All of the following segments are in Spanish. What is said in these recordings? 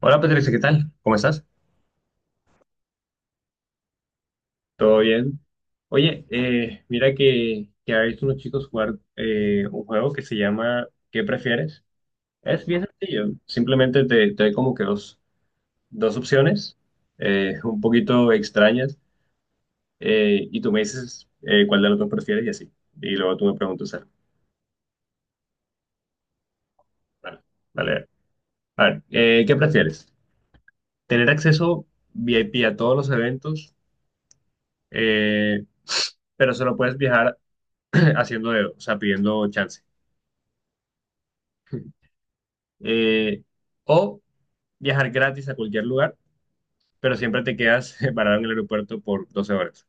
Hola Patricia, ¿qué tal? ¿Cómo estás? ¿Todo bien? Oye, mira que ha visto unos chicos jugar, un juego que se llama ¿Qué prefieres? Es bien sencillo. Simplemente te doy como que dos opciones un poquito extrañas, y tú me dices, cuál de los dos prefieres y así. Y luego tú me preguntas algo. Vale, vale. A ver, ¿qué prefieres? ¿Tener acceso VIP a todos los eventos, eh, pero solo puedes viajar haciendo dedo, o sea, pidiendo chance? eh, o viajar gratis a cualquier lugar, pero siempre te quedas parado en el aeropuerto por 12 horas.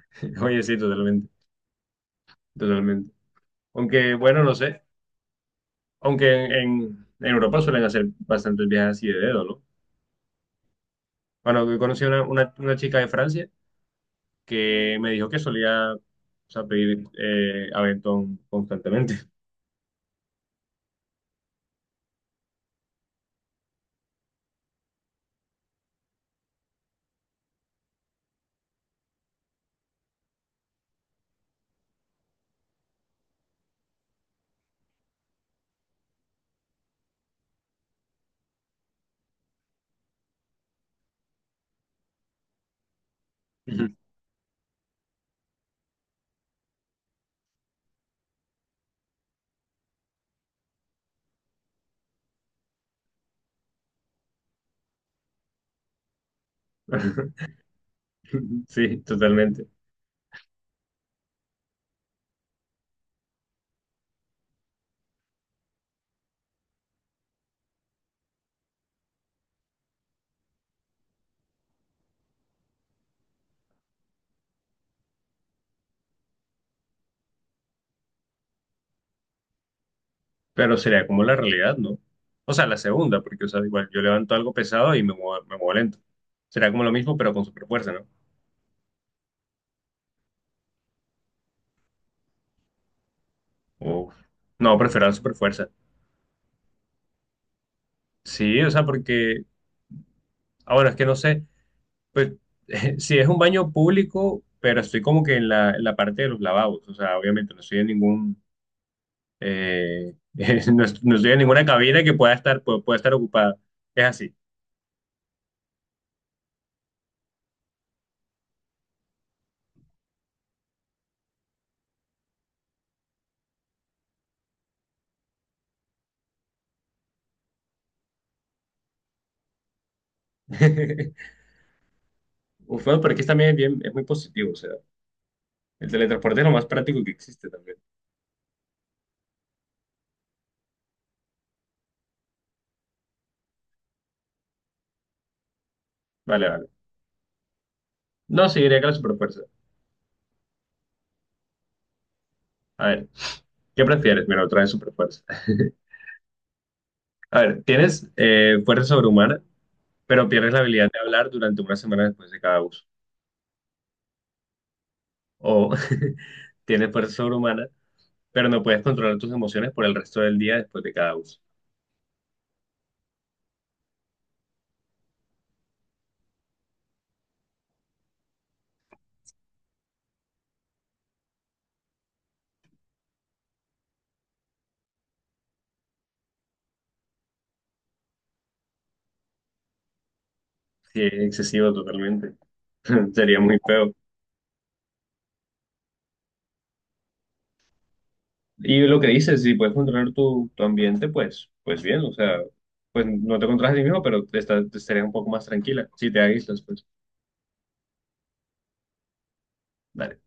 Oye, sí, totalmente, totalmente. Aunque, bueno, no sé, aunque en Europa suelen hacer bastantes viajes así de dedo, ¿no? Bueno, yo conocí a una chica de Francia que me dijo que solía, o sea, pedir, aventón constantemente. Sí, totalmente. Pero sería como la realidad, ¿no? O sea, la segunda, porque, o sea, igual yo levanto algo pesado y me muevo lento. Será como lo mismo, pero con super fuerza, ¿no? Uf. No, prefiero la super fuerza. Sí, o sea, porque, ahora es que no sé, pues, si es un baño público, pero estoy como que en la parte de los lavabos, o sea, obviamente no estoy en ningún, eh, no, no estoy en ninguna cabina que pueda estar ocupada. Es así. Uf, bueno, pero aquí también es bien, es muy positivo, o sea, el teletransporte es lo más práctico que existe también. Vale, vale. No, seguiría con que la superfuerza. A ver, ¿qué prefieres? Mira, otra vez superfuerza. A ver, tienes, fuerza sobrehumana, pero pierdes la habilidad de hablar durante una semana después de cada uso. O tienes fuerza sobrehumana, pero no puedes controlar tus emociones por el resto del día después de cada uso. Sí, es excesivo totalmente. Sería muy feo. Y lo que dices, si puedes controlar tu ambiente, pues, pues bien, o sea, pues no te controlas a ti mismo, pero te estarías un poco más tranquila si te aíslas, pues. Vale,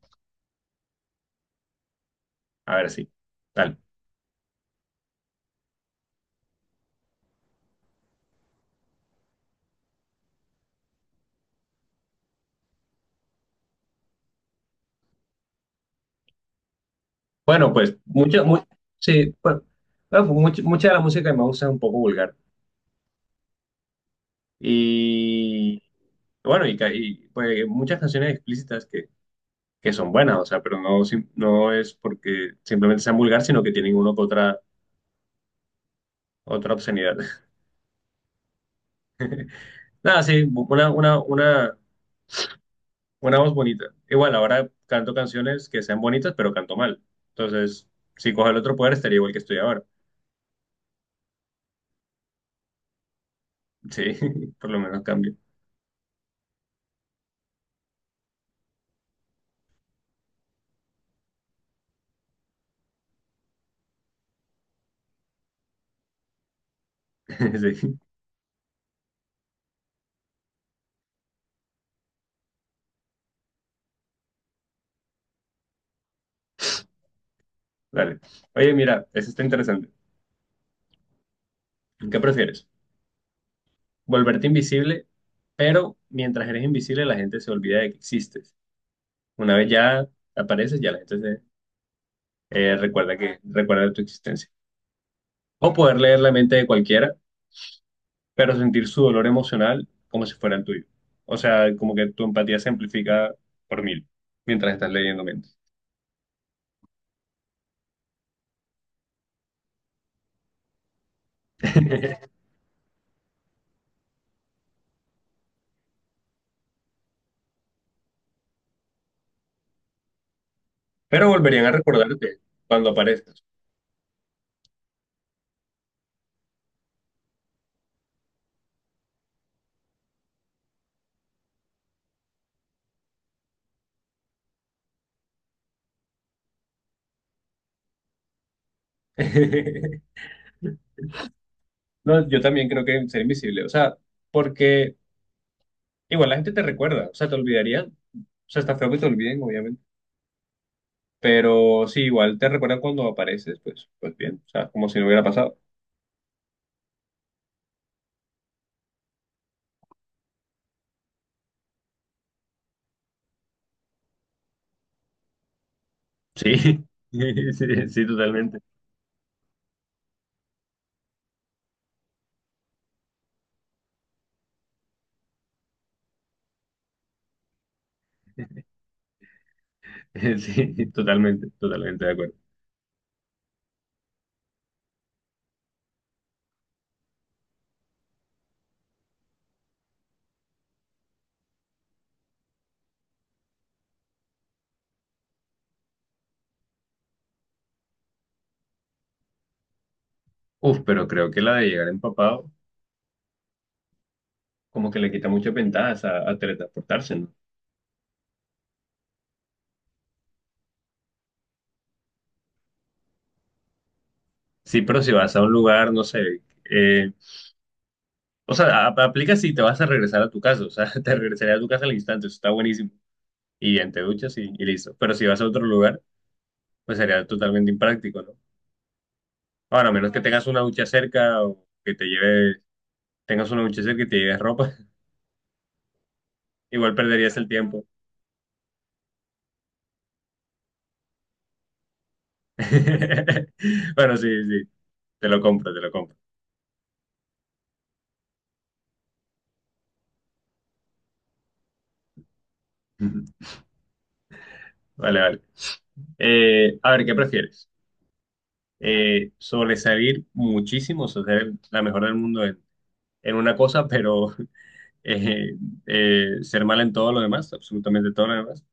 a ver, sí. Dale. Bueno, pues sí, bueno, bueno, mucha de la música que me gusta es un poco vulgar. Y bueno, y, pues muchas canciones explícitas que son buenas, o sea, pero no, no es porque simplemente sean vulgar, sino que tienen una que otra, otra obscenidad. Nada, sí, una voz bonita. Igual, ahora canto canciones que sean bonitas, pero canto mal. Entonces, si cojo el otro poder, estaría igual que estoy ahora. Sí, por lo menos cambio. Sí, dale. Oye, mira, eso está interesante. ¿Qué prefieres? ¿Volverte invisible, pero mientras eres invisible la gente se olvida de que existes? Una vez ya apareces, ya la gente se, recuerda de tu existencia. O poder leer la mente de cualquiera, pero sentir su dolor emocional como si fuera el tuyo. O sea, como que tu empatía se amplifica por 1000 mientras estás leyendo mentes. Pero volverían a recordarte cuando aparezcas. No, yo también creo que ser invisible. O sea, porque igual la gente te recuerda, o sea, te olvidaría. O sea, está feo que te olviden, obviamente. Pero sí, igual te recuerdan cuando apareces, pues, pues bien, o sea, como si no hubiera pasado. Sí, sí, sí, totalmente. Sí, totalmente, totalmente de acuerdo. Uf, pero creo que la de llegar empapado como que le quita muchas ventajas a teletransportarse, ¿no? Sí, pero si vas a un lugar, no sé, eh, o sea, aplica si te vas a regresar a tu casa, o sea, te regresaría a tu casa al instante, eso está buenísimo. Y ya te duchas y listo. Pero si vas a otro lugar, pues sería totalmente impráctico, ¿no? Ahora, a menos que tengas una ducha cerca o que te lleves, tengas una ducha cerca y te lleves ropa, igual perderías el tiempo. Bueno, sí, sí, te lo compro, te lo compro. Ujú. Vale, vale. A ver, ¿qué prefieres? Sobresalir muchísimo, o sea, ser la mejor del mundo en una cosa, pero eh, ser mal en todo lo demás, absolutamente todo lo demás,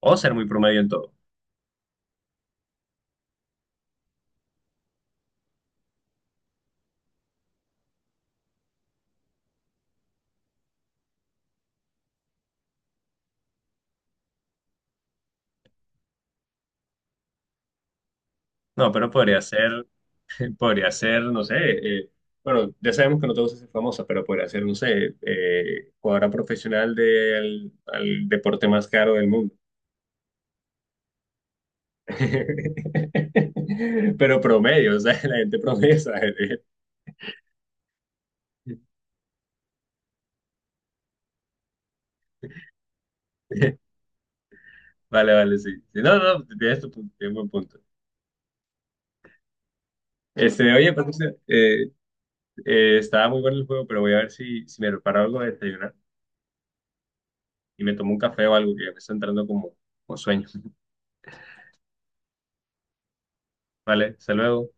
o ser muy promedio en todo. No, pero podría ser. Podría ser, no sé, bueno, ya sabemos que no te gusta ser famosa, pero podría ser, no sé, jugadora profesional del al deporte más caro del mundo. Pero promedio, o sea, la gente promedio, ¿sabes? Vale, vale, sí. Sí, no, no, tienes tu punto, tienes buen punto. Este, oye, Patricia, estaba muy bueno el juego, pero voy a ver si me preparo algo de desayunar y me tomo un café o algo, que ya me está entrando como, como sueño. Vale, hasta luego.